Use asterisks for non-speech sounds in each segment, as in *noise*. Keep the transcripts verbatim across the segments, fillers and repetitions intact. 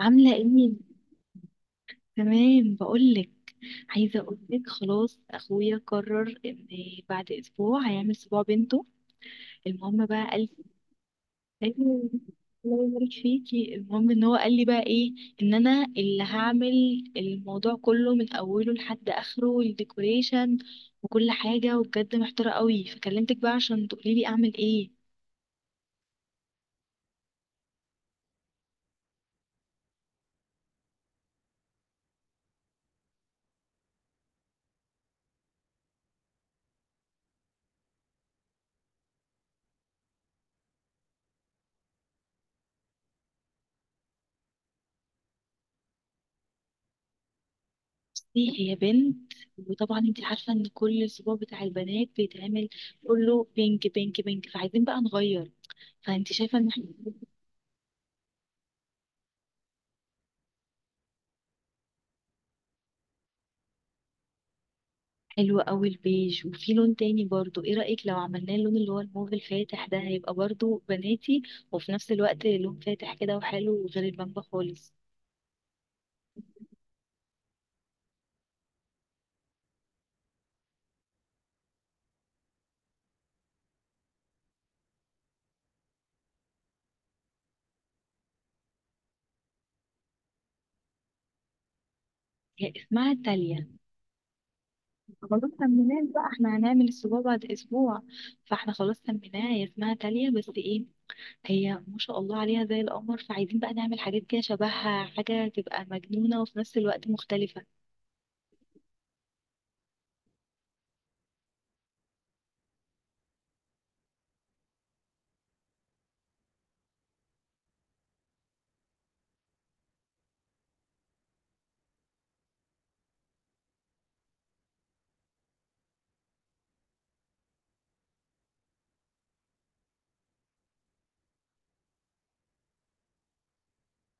عاملة ايه؟ تمام، بقولك. عايزة اقولك، خلاص اخويا قرر ان بعد اسبوع هيعمل اسبوع بنته. المهم بقى قال قال لي: "أيوة، الله يبارك فيكي". المهم ان هو قال لي بقى ايه، ان انا اللي هعمل الموضوع كله من اوله لحد اخره، الديكوريشن وكل حاجة، وبجد محتارة قوي فكلمتك بقى عشان تقوليلي اعمل ايه. بصي، هي بنت، وطبعا انت عارفة ان كل الاسبوع بتاع البنات بيتعمل كله بينك بينك بينك، فعايزين بقى نغير. فانت شايفه ان احنا؟ حلو قوي البيج، وفي لون تاني برضو، ايه رايك لو عملناه اللون اللي هو الموف الفاتح ده؟ هيبقى برضو بناتي وفي نفس الوقت لون فاتح كده وحلو، غير البامبا خالص. هي اسمها تاليا. خلاص سميناه بقى، احنا هنعمل السبوع بعد اسبوع، فاحنا خلاص سميناها، هي اسمها تاليا. بس ايه، هي ما شاء الله عليها زي القمر، فعايزين بقى نعمل حاجات كده شبهها، حاجه تبقى مجنونه وفي نفس الوقت مختلفه.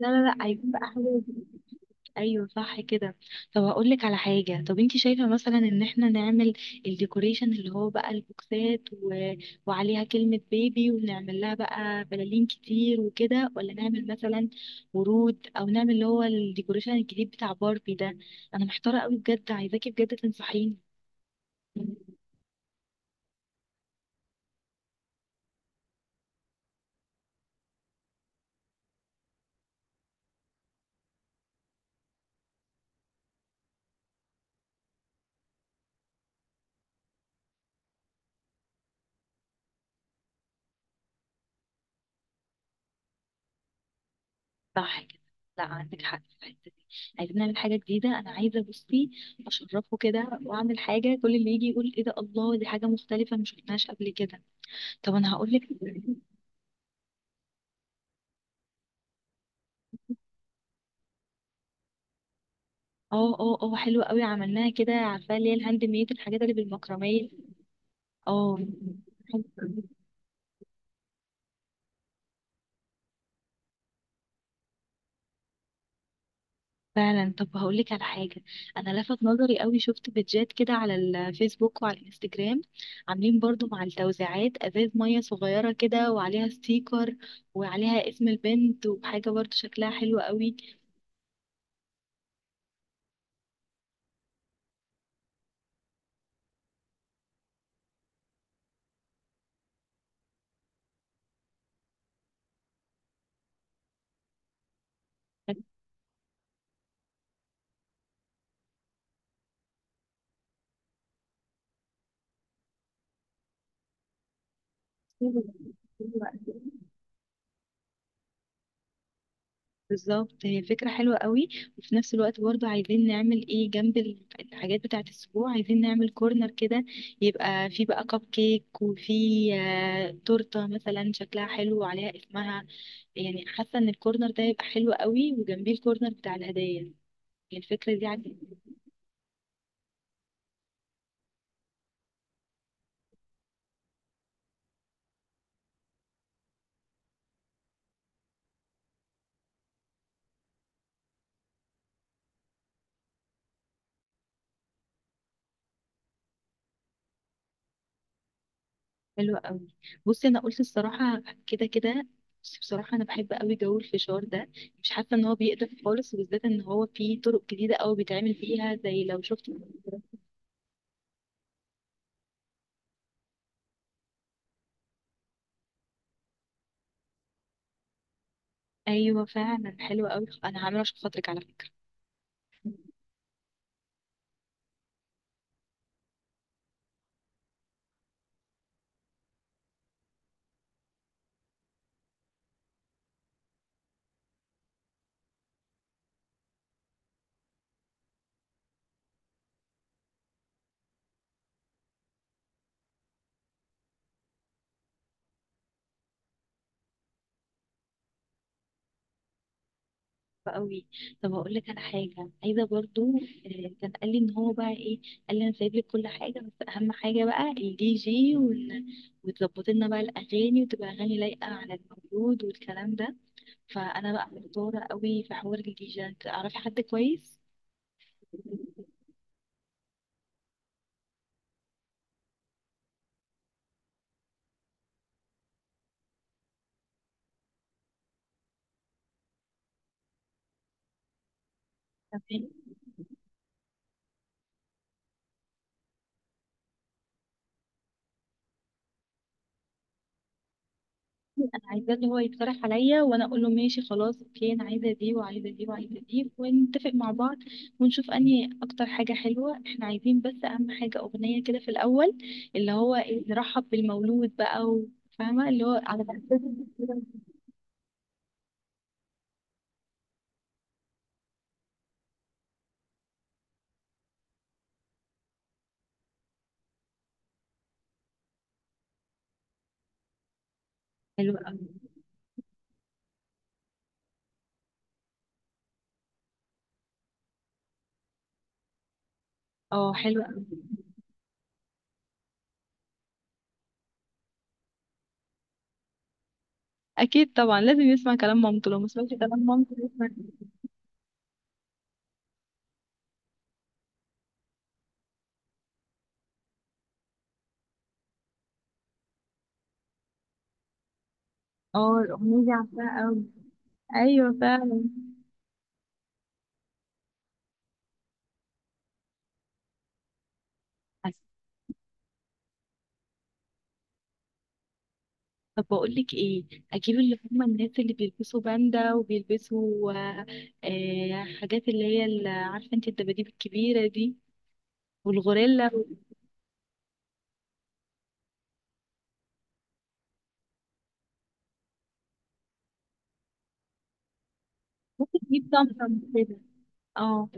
لا لا لا، عايزين بقى حاجه. ايوه صح كده. طب هقول لك على حاجه، طب انت شايفه مثلا ان احنا نعمل الديكوريشن اللي هو بقى البوكسات و... وعليها كلمه بيبي، ونعمل لها بقى بلالين كتير وكده، ولا نعمل مثلا ورود، او نعمل اللي هو الديكوريشن الجديد بتاع باربي ده؟ انا محتاره قوي بجد، عايزاكي بجد تنصحيني. صح كده، لا عندك حق في الحته دي. عايزين نعمل حاجه جديده، انا عايزه بصي اشرفه كده، واعمل حاجه كل اللي يجي يقول: ايه ده، الله، دي حاجه مختلفه ما شفناهاش قبل كده. طب انا هقول لك. اه اه اه حلوه قوي، عملناها كده، عارفه اللي هي الهاند ميد، الحاجات اللي بالمكرميه. اه. فعلا، طب هقول لك على حاجه، انا لفت نظري قوي، شفت بيدجات كده على الفيسبوك وعلى الانستجرام، عاملين برضو مع التوزيعات ازاز ميه صغيره كده وعليها ستيكر وعليها اسم البنت، وحاجه برضو شكلها حلو قوي. بالظبط، هي الفكرة حلوة قوي. وفي نفس الوقت برضو عايزين نعمل ايه، جنب ال- الحاجات بتاعة الأسبوع عايزين نعمل كورنر كده، يبقى فيه بقى كب كيك، وفيه آه، تورتة مثلا شكلها حلو وعليها اسمها. يعني حاسة ان الكورنر ده يبقى حلو قوي، وجنبيه الكورنر بتاع الهدايا. هي الفكرة دي عندي. حلوة قوي. بصي انا قلت الصراحة كده كده، بصي بصراحة أنا بحب قوي جو الفشار ده، مش حاسة إن هو بيقدر خالص، وبالذات إن هو فيه طرق جديدة أوي بيتعمل فيها، زي لو شفت. ايوه فعلا حلوه قوي، انا هعمله عشان خاطرك على فكره. حلوة قوي. طب هقول لك على حاجه عايزه برضو. آه، كان قال لي ان هو بقى ايه، قال لي: انا سايب لك كل حاجه، بس اهم حاجه بقى الدي جي، وال... وتظبط لنا بقى الاغاني، وتبقى اغاني لايقه على المولود والكلام ده. فانا بقى محتاره قوي في حوار الدي جي، تعرفي حد كويس؟ تمام. انا عايزاه اللي هو يقترح عليا، وانا اقول له ماشي خلاص، اوكي انا عايزه دي وعايزه دي وعايزه دي، ونتفق مع بعض ونشوف انهي اكتر حاجه حلوه احنا عايزين. بس اهم حاجه اغنيه كده في الاول، اللي هو إيه، نرحب بالمولود بقى و- فاهمه اللي هو على بقى. حلو قوي. اه حلو قوي. اكيد طبعا لازم يسمع كلام مامته، لو ما سمعش كلام مامته يسمع. اه الاغنيه دي عارفاها قوي. ايوه فعلا. طب بقول لك ايه، اجيب اللي هم الناس اللي بيلبسوا باندا وبيلبسوا آه، آه، حاجات اللي هي ال- عارفه انت الدباديب الكبيره دي، والغوريلا. ممكن اجيب طمطم كده. اه.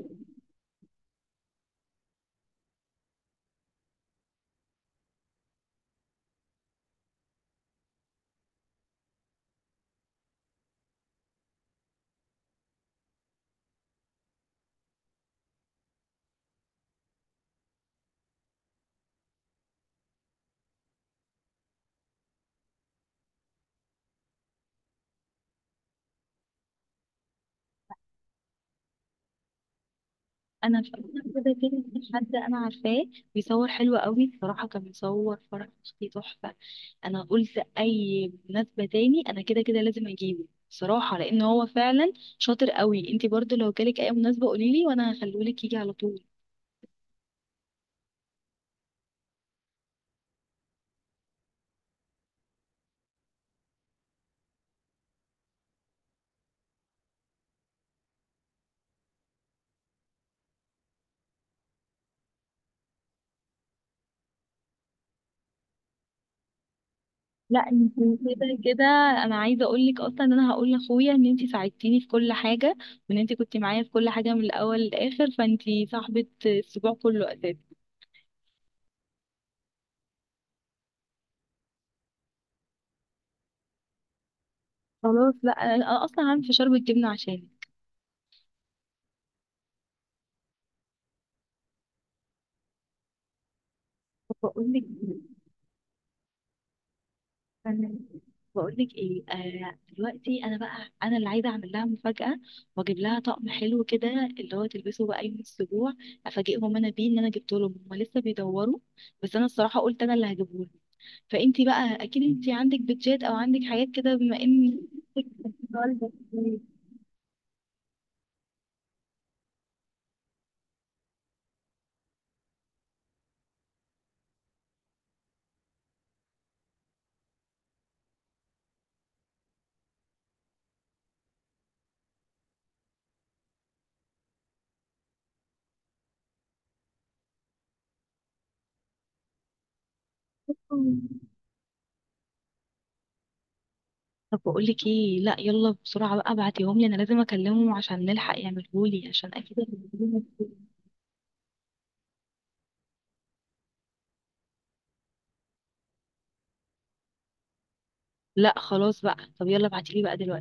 انا في كده كده في حد انا عارفاه بيصور حلو قوي بصراحه، كان بيصور فرح اختي تحفه. انا قلت اي مناسبه تاني انا كده كده لازم اجيبه. بصراحه لان هو فعلا شاطر قوي، انت برضو لو جالك اي مناسبه قوليلي وانا هخليهولك يجي على طول. لا انت كده كده، انا عايزه اقول لك اصلا ان انا هقول لاخويا ان انت ساعدتيني في كل حاجه، وان انت كنت معايا في كل حاجه من الاول للاخر، فانت صاحبه الاسبوع كله اساسا. خلاص، لا انا أنا اصلا عامل فشار بالجبنه عشانك. بقول لك انا بقول لك ايه، آه دلوقتي انا بقى انا اللي عايزه اعمل لها مفاجاه، واجيب لها طقم حلو كده، اللي هو تلبسه بقى يوم الاسبوع، افاجئهم انا بيه ان انا جبته لهم. هم لسه بيدوروا، بس انا الصراحه قلت انا اللي هجيبه. فانت بقى اكيد انت عندك بيتزات او عندك حاجات كده، بما ان. طب بقول لك ايه، لا يلا بسرعه بقى ابعتيهم لي، انا لازم اكلمه عشان نلحق يعملهولي، عشان اكيد *laughs* هيعملهولي. لا خلاص بقى، طب يلا ابعتيلي بقى دلوقتي.